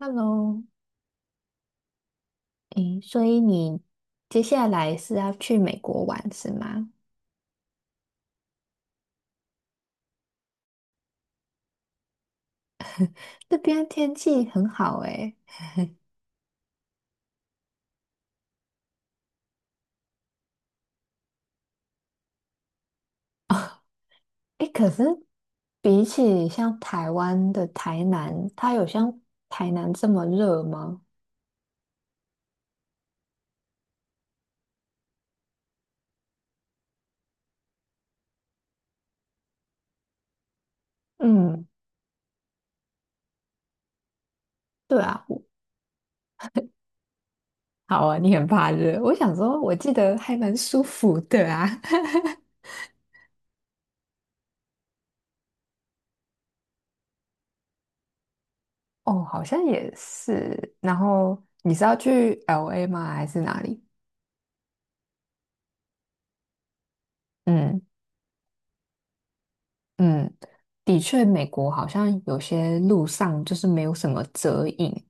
Hello，诶，所以你接下来是要去美国玩是吗？这边天气很好诶，诶，可是比起像台湾的台南，它有像台南这么热吗？嗯，对啊，我好啊，你很怕热，我想说，我记得还蛮舒服的啊。哦，好像也是。然后你是要去 LA 吗？还是哪里？嗯。嗯，的确，美国好像有些路上就是没有什么遮影。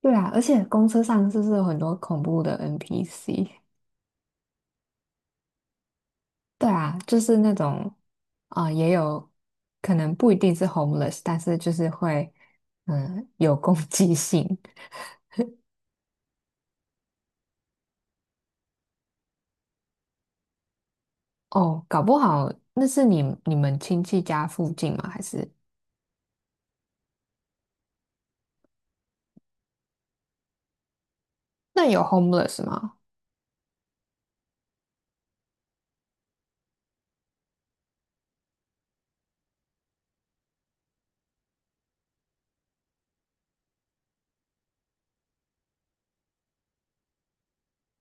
对啊，而且公车上是不是有很多恐怖的 NPC？对啊，就是那种啊、也有可能不一定是 homeless，但是就是会有攻击性哦。搞不好那是你们亲戚家附近吗？还是那有 homeless 吗？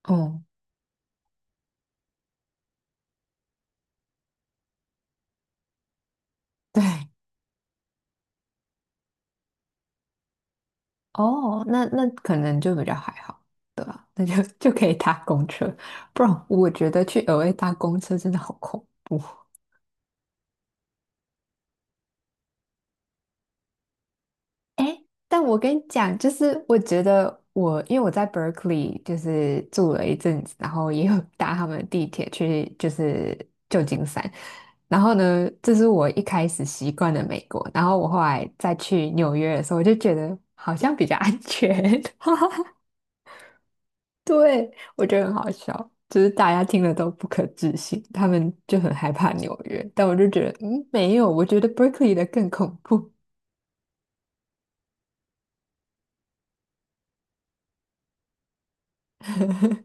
哦、对，哦，那可能就比较还好，对吧？那就 就可以搭公车，不然我觉得去额外搭公车真的好恐怖。但我跟你讲，就是我觉得我因为我在 Berkeley 就是住了一阵子，然后也有 搭他们的地铁去就是旧金山，然后呢，这是我一开始习惯的美国，然后我后来再去纽约的时候，我就觉得好像比较安全。对，我觉得很好笑，就是大家听了都不可置信，他们就很害怕纽约，但我就觉得，嗯，没有，我觉得 Berkeley 的更恐怖。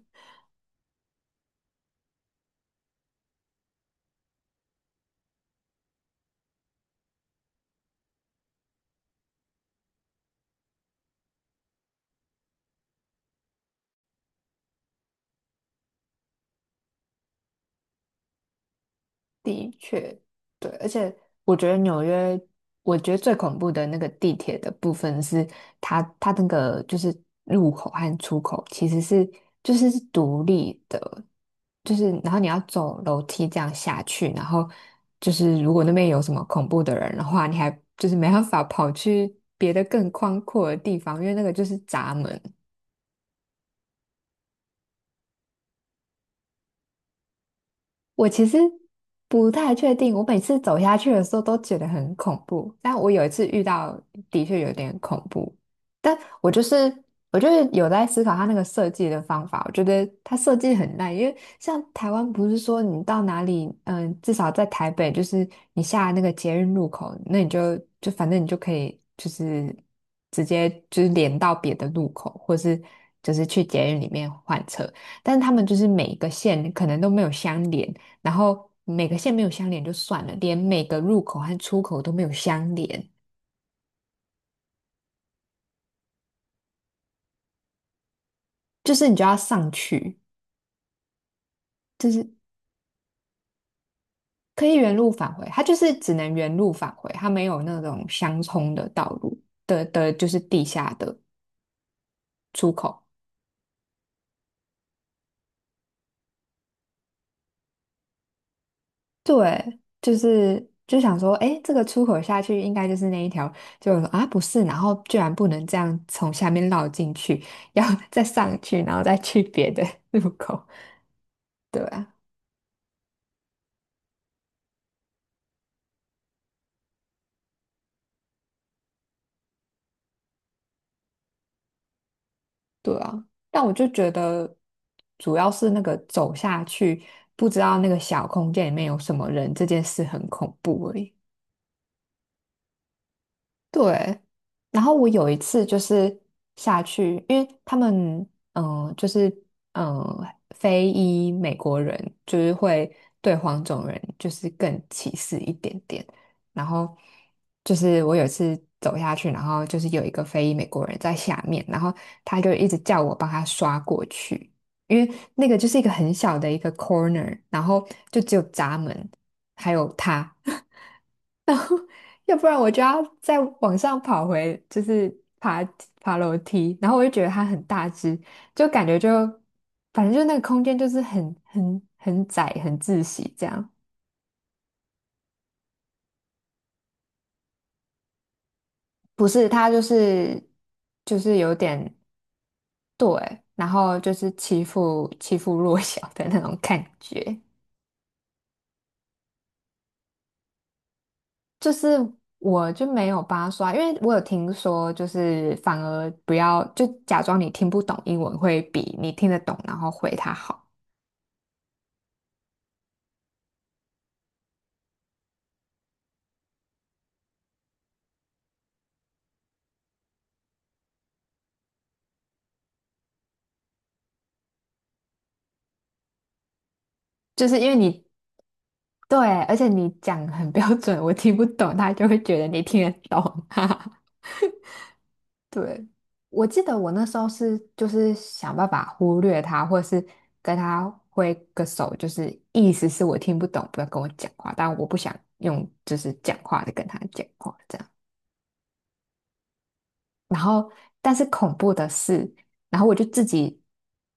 的确，对，而且我觉得纽约，我觉得最恐怖的那个地铁的部分是它那个就是入口和出口其实是就是是独立的，就是然后你要走楼梯这样下去，然后就是如果那边有什么恐怖的人的话，你还就是没办法跑去别的更宽阔的地方，因为那个就是闸门，我其实不太确定，我每次走下去的时候都觉得很恐怖，但我有一次遇到的确有点恐怖，但我就是有在思考它那个设计的方法，我觉得它设计很烂，因为像台湾不是说你到哪里，嗯，至少在台北，就是你下那个捷运路口，那你就反正你就可以就是直接就是连到别的路口，或是就是去捷运里面换车。但是他们就是每一个线可能都没有相连，然后每个线没有相连就算了，连每个入口和出口都没有相连，就是你就要上去，就是可以原路返回，它就是只能原路返回，它没有那种相冲的道路的，就是地下的出口。对，就是想说，哎，这个出口下去应该就是那一条，就说啊不是，然后居然不能这样从下面绕进去，要 再上去，然后再去别的 入口。对啊对啊，但我就觉得主要是那个走下去，不知道那个小空间里面有什么人，这件事很恐怖而已。对，然后我有一次就是下去，因为他们就是非裔美国人就是会对黄种人就是更歧视一点点。然后就是我有一次走下去，然后就是有一个非裔美国人在下面，然后他就一直叫我帮他刷过去，因为那个就是一个很小的一个 corner，然后就只有闸门还有他。要不然我就要再往上跑回，就是爬爬楼梯，然后我就觉得它很大只，就感觉就反正就那个空间就是很窄、很窒息这样。不是，它就是有点对，然后就是欺负欺负弱小的那种感觉。就是我就没有帮他刷，因为我有听说，就是反而不要就假装你听不懂英文，会比你听得懂然后回他好。就是因为你对，而且你讲很标准，我听不懂，他就会觉得你听得懂，哈哈。对，我记得我那时候是就是想办法忽略他，或是跟他挥个手，就是意思是我听不懂，不要跟我讲话，但我不想用就是讲话的跟他讲话这样。然后但是恐怖的是，然后我就自己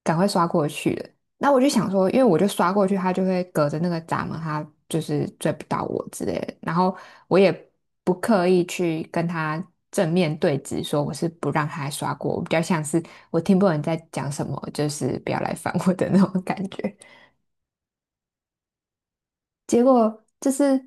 赶快刷过去了。那我就想说，因为我就刷过去，他就会隔着那个闸门，他就是追不到我之类的。然后我也不刻意去跟他正面对峙，说我是不让他刷过，我比较像是我听不懂你在讲什么，就是不要来烦我的那种感觉。结果就是，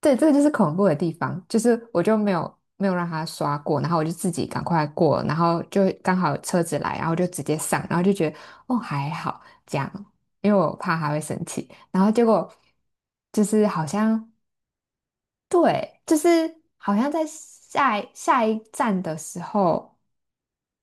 对，这个就是恐怖的地方，就是我就没有让他刷过，然后我就自己赶快过，然后就刚好车子来，然后就直接上，然后就觉得哦还好这样，因为我怕他会生气，然后结果就是好像对，就是好像在下一站的时候。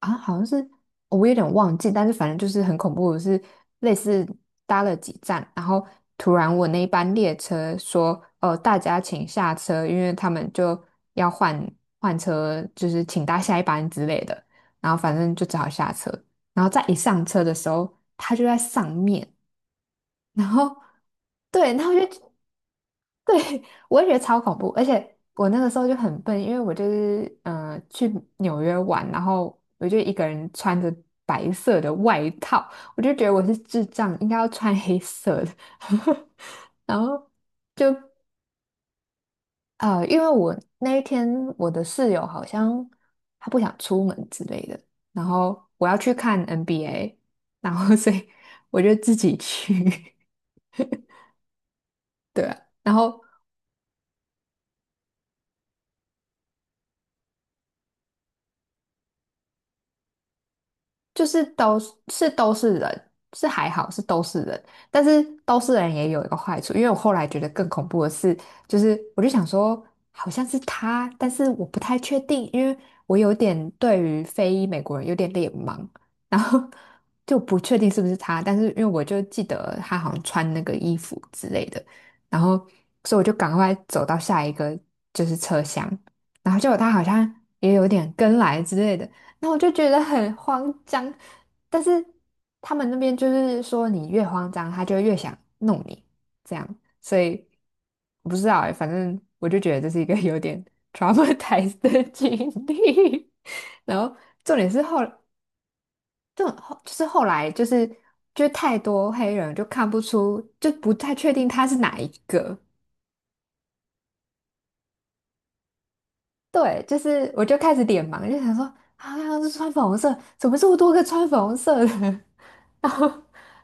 啊，好像是我有点忘记，但是反正就是很恐怖，是类似搭了几站，然后突然我那一班列车说，大家请下车，因为他们就要换车，就是请搭下一班之类的，然后反正就只好下车，然后再一上车的时候，他就在上面，然后对，然后就 对，我也觉得超恐怖，而且我那个时候就很笨，因为我就是去纽约玩，然后我就一个人穿着白色的外套，我就觉得我是智障，应该要穿黑色的，然后就因为我那一天我的室友好像他不想出门之类的，然后我要去看 NBA，然后 所以我就自己去，对啊，然后就是都是都是人，是还好是都是人，但是都是人也有一个坏处，因为我后来觉得更恐怖的是，就是我就想说好像是他，但是我不太确定，因为我有点对于非裔美国人有点脸盲，然后 就不确定是不是他，但是因为我就记得他好像穿那个衣服之类的，然后所以我就赶快走到下一个就是车厢，然后结果他好像也有点跟来之类的。然后我就觉得很慌张，但是他们那边就是说，你越慌张，他就越想弄你，这样，所以我不知道哎、反正我就觉得这是一个有点 traumatized 的经历。然后重点是后来就太多黑人就看不出，就不太确定他是哪一个。对，就是我就开始点盲，就想说啊，刚刚是穿粉红色，怎么这么多个穿粉红色的？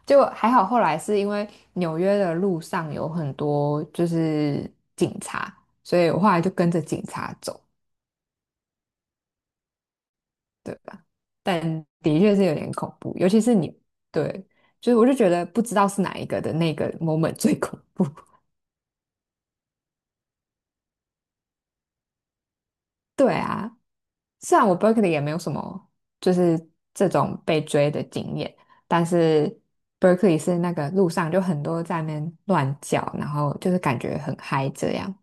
就还好，后来是因为纽约的路上有很多就是警察，所以我后来就跟着警察走，对吧？但的确是有点恐怖，尤其是你，对，就是我就觉得不知道是哪一个的那个 moment 最恐怖。对啊，虽然我 Berkeley 也没有什么就是这种被追的经验，但是 Berkeley 是那个路上就很多在那边乱叫，然后就是感觉很嗨这样。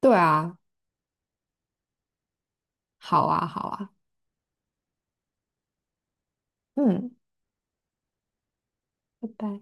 对啊，好啊，好啊。嗯，拜拜。